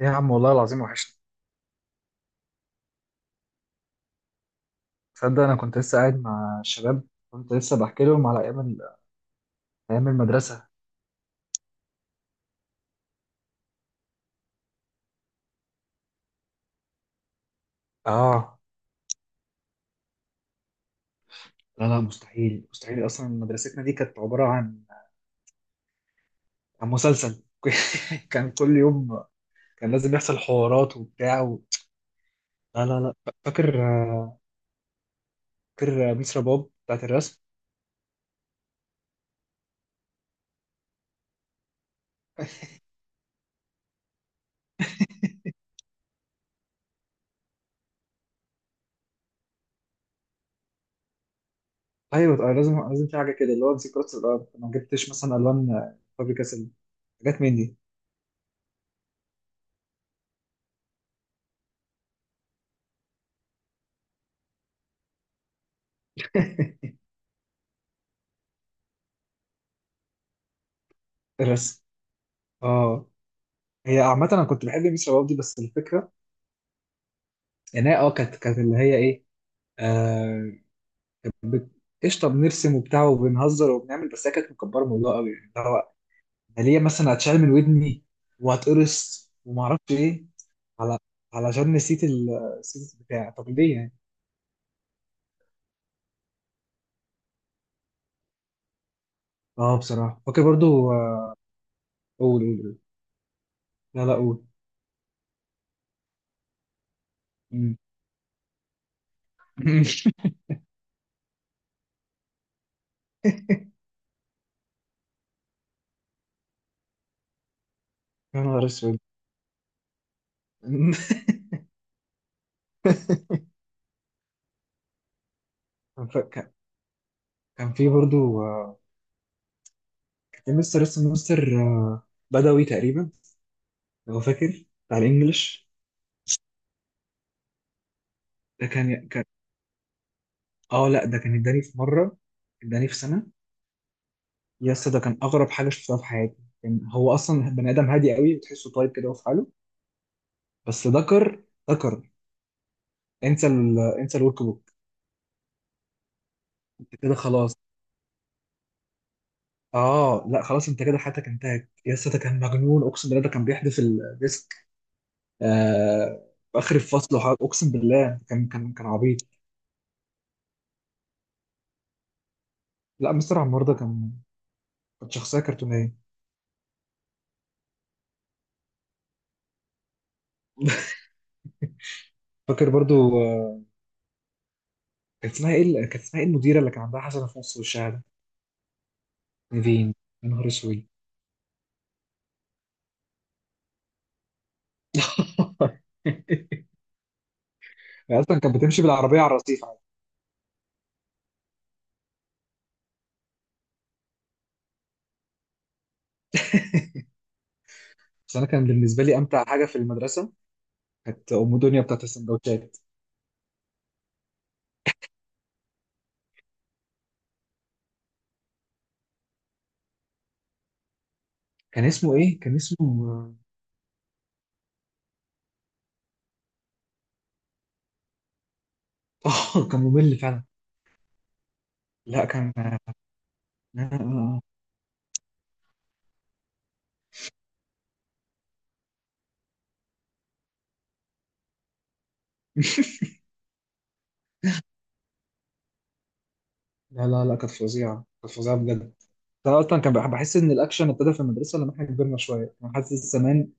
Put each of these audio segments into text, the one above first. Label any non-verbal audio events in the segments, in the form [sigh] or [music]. إيه يا عم، والله العظيم وحشني. تصدق انا كنت لسه قاعد مع الشباب، كنت لسه بحكي لهم على ايام المدرسه. اه لا لا، مستحيل مستحيل، اصلا مدرستنا دي كانت عباره عن مسلسل. [laughs] كان كل يوم كان لازم يحصل حوارات وبتاع و... لا لا لا. فاكر فاكر ميس رباب بتاعت الرسم. [laughs] ايوه طبعاً، لازم لازم في حاجه كده، اللي هو امسك رص الارض أنا ما جبتش مثلا الوان فابري كاسل، حاجات من دي. [laughs] الرسم. اه، هي عامة أنا كنت بحب ميس شباب دي، بس الفكرة يعني هي كانت اللي هي ايه، آه بت- قشطه، بنرسم وبتاع وبنهزر وبنعمل، بس هي كانت مكبره الموضوع قوي يعني. اللي هو انا ليه مثلا هتشال من ودني وهتقرص وما اعرفش ايه، على علشان نسيت ال- السيت بتاع، طب ليه يعني. اه بصراحه فاكر برضو، قول قول قول. لا لا قول. مم. [laughs] يا نهار اسود. [laughs] كان ف- كان- كان في برضو، كان في مستر اسمه مستر بدوي تقريبا، لو فاكر، بتاع الانجليش. ده كان، اه لا، ده كان اداني في مره، اداني في سنه. يا اسطى ده كان اغرب حاجه شفتها في حياتي. كان هو اصلا بني ادم هادي قوي، وتحسه طيب كده وفي حاله، بس ذكر انسى الورك بوك. انت كده خلاص، اه لا خلاص انت كده حياتك انتهت يا اسطى. ده كان مجنون، اقسم بالله ده كان بيحدف الديسك، آه في اخر الفصل وحاجة. اقسم بالله كان عبيط. لا مستر عمار ده كان، كانت شخصيه كرتونيه. [laughs] فاكر برضو، كانت اسمها ايه كانت اسمها ايه المديره اللي كان عندها حسنه في نص وشها ده؟ فين. يا نهار اسود. [laughs] هي اصلا كانت بتمشي بالعربيه على الرصيف عادي. بس انا كان بالنسبه لي امتع حاجه في المدرسه كانت ام دنيا بتاعت السندوتشات. كان اسمه ايه، كان اسمه. [laughs] اه كان ممل فعلا. لا كان. [laughs] لا لا لا، كانت فظيعه، كانت فظيعه بجد. انا اصلا بحس ان الاكشن ابتدى في المدرسه لما احنا كبرنا شويه، انا حاسس زمان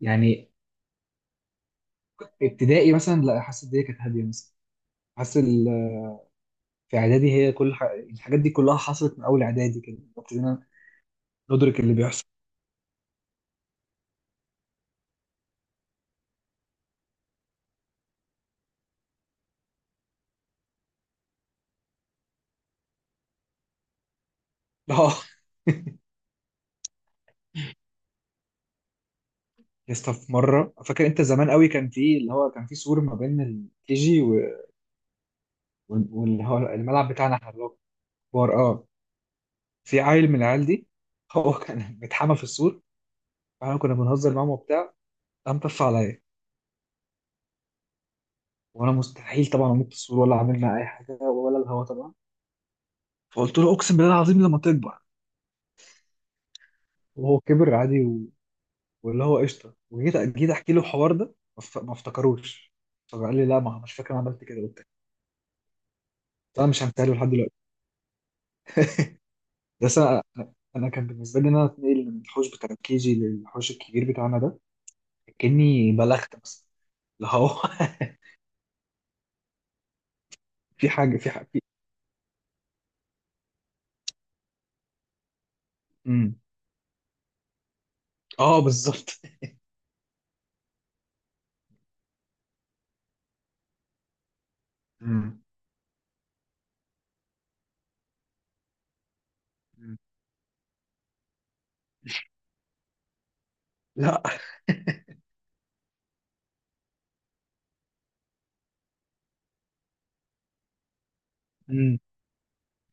يعني، ابتدائي مثلا لا، حاسس الدنيا كانت هاديه مثلا، حاسس في اعدادي هي الحاجات دي كلها حصلت من اول اعدادي، كده ابتدينا ندرك اللي بيحصل. [laughs] اه. يا اسطى في مره، فاكر انت زمان قوي، كان في اللي هو كان في سور ما بين الكي جي و... واللي هو الملعب بتاعنا احنا اللي هو كبار، اه، في عيل من العيال دي، هو [laughs] كان متحمى في السور، فاحنا كنا بنهزر معاهم وبتاع، قام طف عليا، وانا مستحيل طبعا اموت في السور ولا عملنا اي حاجه ولا الهوا طبعا، فقلت له اقسم بالله العظيم لما تكبر. وهو كبر عادي، واللي هو قشطه، وجيت احكي له الحوار ده، ما افتكروش، فقال لي لا، ما مش فاكر انا عملت كده وبتاع. بس انا مش هنساله لحد دلوقتي. بس انا كان بالنسبه لي ان انا اتنقل من الحوش بتاع الكيجي للحوش الكبير بتاعنا ده كاني بلغت مثلا، اللي هو. [laughs] في حاجه في. امم، اه بالظبط. امم. أمم. لا. [laughs] امم.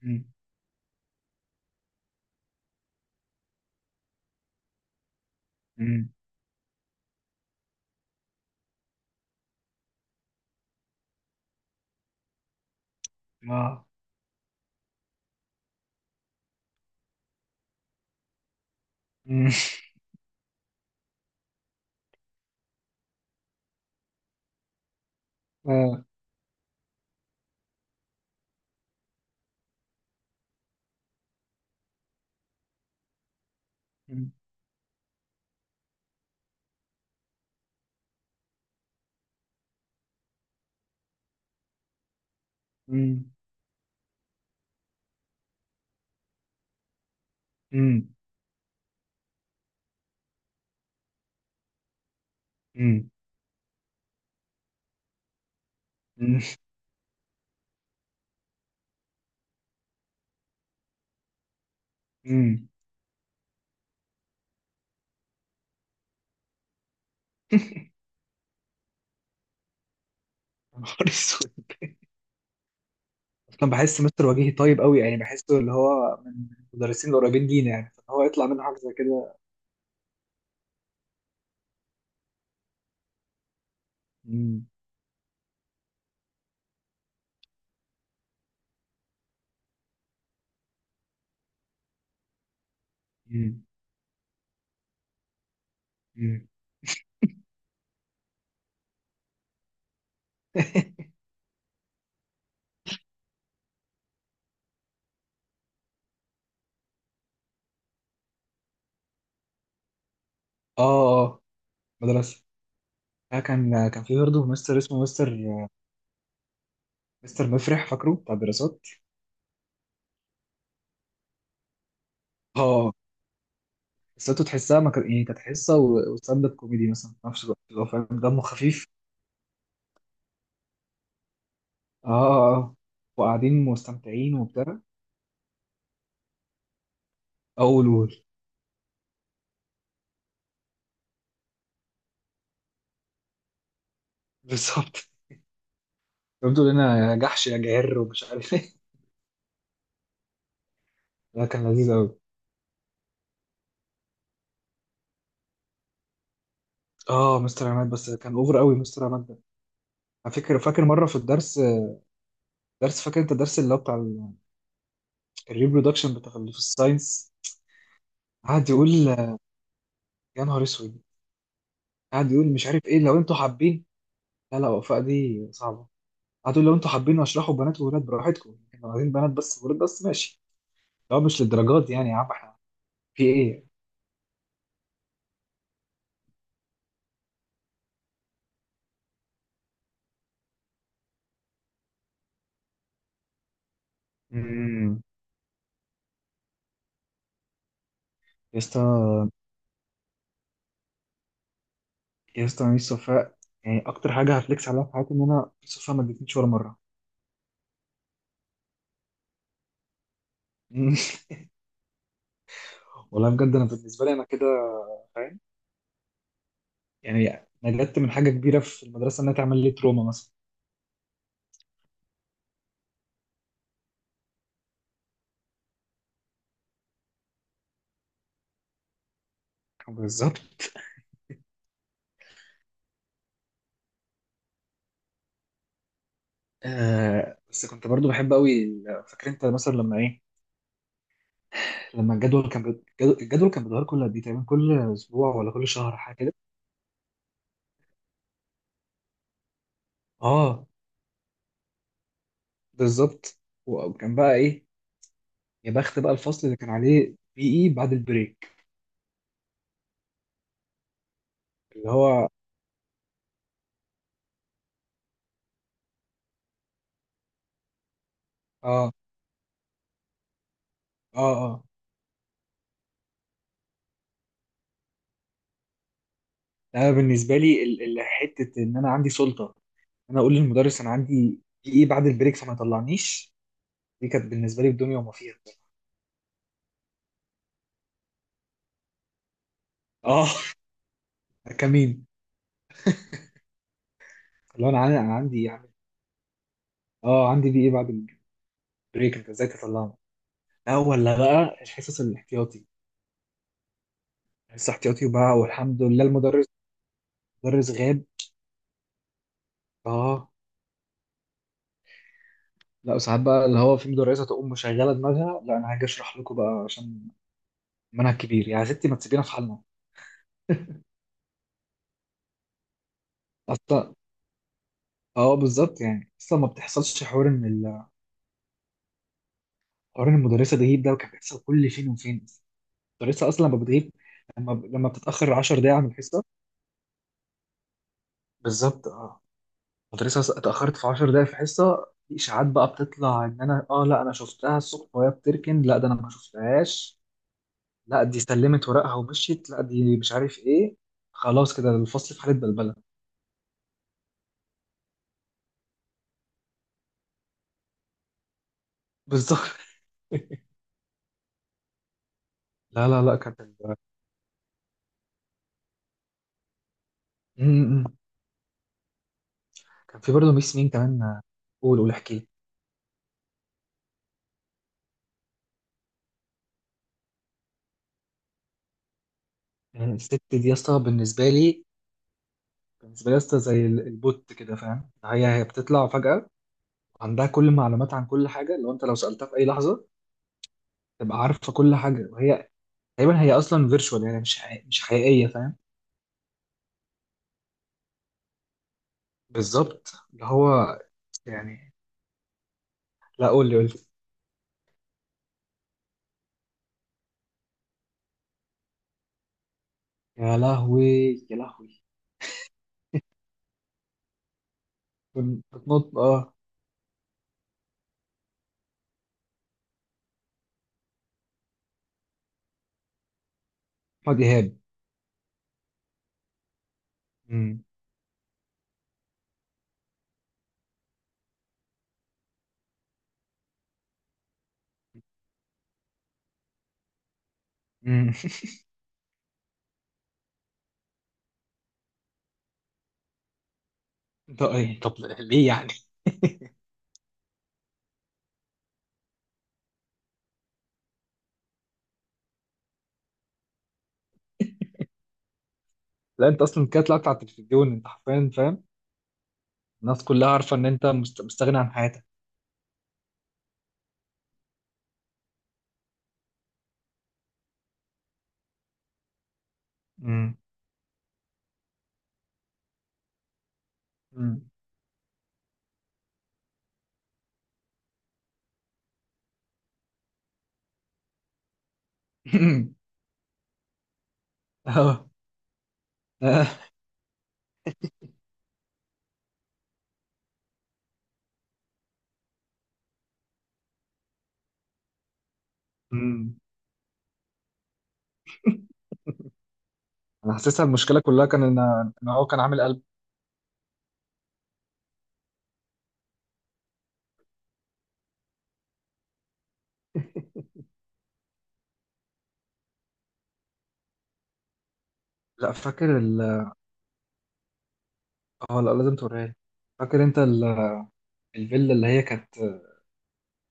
امم. امم. اه. امم. اه. امم. امم. امم. امم. أمم. [laughs] يا نهار أسود. كان بحس مستر وجيهي طيب قوي، يعني بحسه اللي هو من المدرسين القريبين لينا يعني، فهو يطلع منه حاجه زي كده. مم. مم. مم. [laughs] اه اه. مدرسه، كان كان في برضه مستر اسمه مستر، مستر مفرح فاكره، بتاع الدراسات. اه. قصته تحسها ما كان يعني، كانت حصه و- وستاند اب كوميدي مثلا في نفس الوقت، اللي هو فاهم، دمه خفيف. اه اه، وقاعدين مستمتعين وبتاع. اول. [laughs] بالظبط. بيقولوا لنا يا جحش يا جعر ومش عارف ايه. [laughs] ده كان لذيذ قوي. اه، مستر عماد بس كان اوفر قوي مستر عماد ده. على فكره فاكر مره في الدرس، فاكر انت الدرس اللي هو بتاع الريبرودكشن بتاع اللي في الساينس. قعد يقول. يا نهار اسود. قعد يقول مش عارف ايه لو انتوا حابين. لا لا، وفاء دي صعبه. قعد يقول لو انتوا حابين اشرحوا بنات وولاد براحتكم، لو عايزين بنات بس وولاد بس ماشي، لو مش للدرجات دي يعني يا عم احنا، في ايه. امم. يا اسطى، يا اسطى ميس وفاء، يعني اكتر حاجه هفليكس عليها في حياتي ان انا ميس وفاء ما ادتنيش ولا مره. [laughs] والله بجد انا بالنسبه لي انا كده، يعني نجدت من حاجة كبيرة في المدرسة إنها تعمل لي تروما مثلا. بالظبط. آه، بس كنت برضو بحب قوي فاكر انت مثلا لما ايه، لما الجدول كان بي- الجدول كان بيتغير كل قد ايه تقريبا، كل اسبوع ولا كل شهر حاجه كده. اه بالظبط. وكان بقى ايه، يا بخت بقى الفصل اللي كان عليه بي اي بعد البريك. اللي هو، اه. اه. اه. انا بالنسبه لي حته ان انا عندي سلطه ان انا اقول للمدرس انا عندي بي اي بعد البريك، فما يطلعنيش. دي كانت بالنسبه لي الدنيا وما فيها. اه. كمين. اللي هو أنا عندي يعني. اه، عندي دي ايه، بعد البريك انت ازاي تطلعنا. لا، ولا بقى الحصص الاحتياطي، حصص احتياطي بقى، والحمد لله المدرس، مدرس غاب. اه لا، ساعات بقى اللي هو في مدرسه تقوم مشغله دماغها، لا انا هاجي اشرح لكم بقى عشان منهج كبير يعني، يا ستي ما تسيبينا في حالنا. اصلا اه بالظبط، يعني اصلا ما بتحصلش حوار ان حوار ان المدرسه تغيب ده، وكان بيحصل كل فين وفين. المدرسه اصلا لما بتغيب، لما بتتاخر 10 دقايق عن الحصه. بالظبط اه. كنت لسه اتأخرت في 10 دقايق في حصة، في إشاعات بقى بتطلع إن أنا آه لا أنا شفتها الصبح وهي بتركن، لا ده أنا ما شفتهاش، لا دي سلمت ورقها ومشيت، لا دي مش عارف إيه، خلاص كده الفصل في حالة بلبلة. بالظبط. [laughs] لا لا لا كانت ال- م- م. كان في برضه ميس مين كمان. قول، قول احكي لي. يعني الست دي يا اسطى بالنسبة لي، بالنسبة لي يا اسطى زي البوت كده فاهم، هي بتطلع فجأة عندها كل المعلومات عن كل حاجة، لو أنت لو سألتها في أي لحظة تبقى عارفة كل حاجة، وهي تقريبا هي اصلا فيرتشوال يعني مش حقيقية، مش حقيقيه فاهم. بالظبط اللي هو. يعني. لا قول لي، قول لي. يا لهوي، يا لهوي. بتنط اه. احمد ايهاب. امم. امم. [laughs] انت ايه طب، ليه يعني. [laughs] لا انت اصلا كده طلعت على التلفزيون انت حرفيا فاهم. الناس كلها عارفه ان انت مستغني عن حياتك. امم. امم. [laughs] اه. آه. امم. انا حاسسها المشكله كلها كان ان، ان هو كان عامل قلب. لا فاكر ال، اه لا لازم توريها لي. فاكر انت الفيلا اللي هي كانت،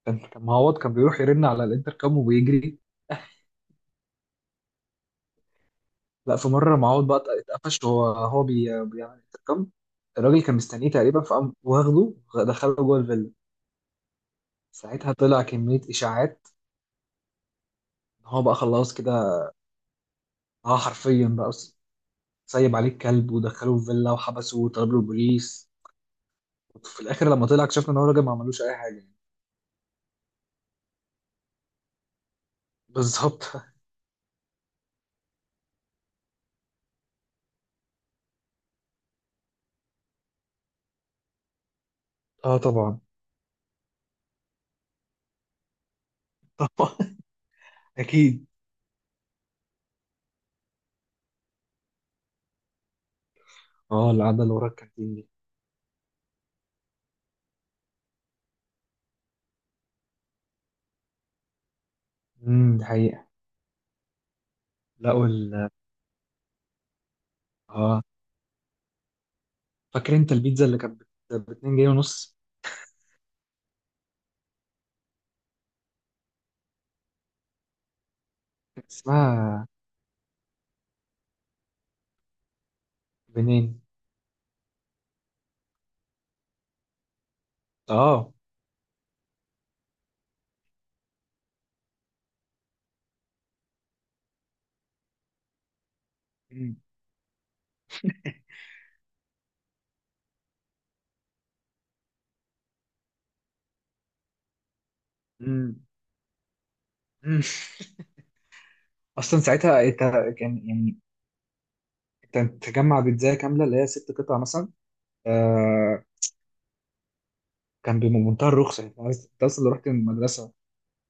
كان معوض كان بيروح يرن على الانتركم وبيجري. لا في مره معوض بقى اتقفش وهو بيعمل انتركم. الراجل كان مستنيه تقريبا، فقام واخده دخله جوه الفيلا. ساعتها طلع كميه اشاعات إن هو بقى خلاص كده، اه حرفيا بقى سايب عليه الكلب ودخله الفيلا وحبسه وطلب له البوليس. وفي الاخر لما طلع اكتشفنا ان هو راجل ما عملوش اي حاجه يعني. بالظبط. [laughs] اه طبعا. طبعا، اكيد. اه القعده اللي ورا الكانتين دي. دي حقيقه. لا وال، اه فاكر انت البيتزا اللي كانت ب 2 جنيه ونص. كانت اسمها بنين. اه. مم. مم. مم. اصلا ساعتها انت، كان يعني انت تجمع بيتزا كامله اللي هي ست قطع مثلا. آه. كان بمنتهى الرخصه، يعني انت اصلا لو رحت من المدرسه،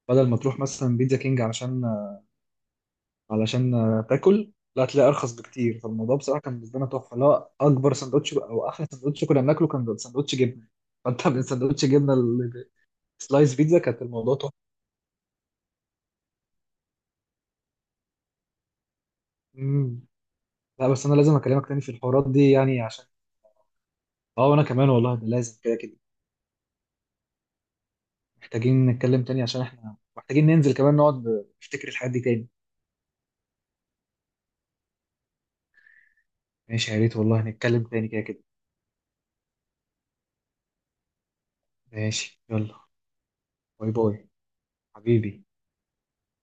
بدل ما تروح مثلا بيتزا كينج علشان، علشان تاكل، لا هتلاقي ارخص بكتير، فالموضوع بصراحه كان بالنسبه لنا تحفه، اللي هو اكبر سندوتش او احلى سندوتش كنا بناكله كان سندوتش جبنه، فانت من سندوتش جبنه سلايس بيتزا، كانت الموضوع تحفه. مم. لا بس انا لازم اكلمك تاني في الحوارات دي يعني عشان، اه وانا كمان والله، ده لازم كده كده. محتاجين نتكلم تاني عشان احنا محتاجين ننزل كمان نقعد نفتكر الحاجات دي تاني. ماشي، يا ريت والله نتكلم تاني، كده كده. ماشي يلا. باي باي حبيبي.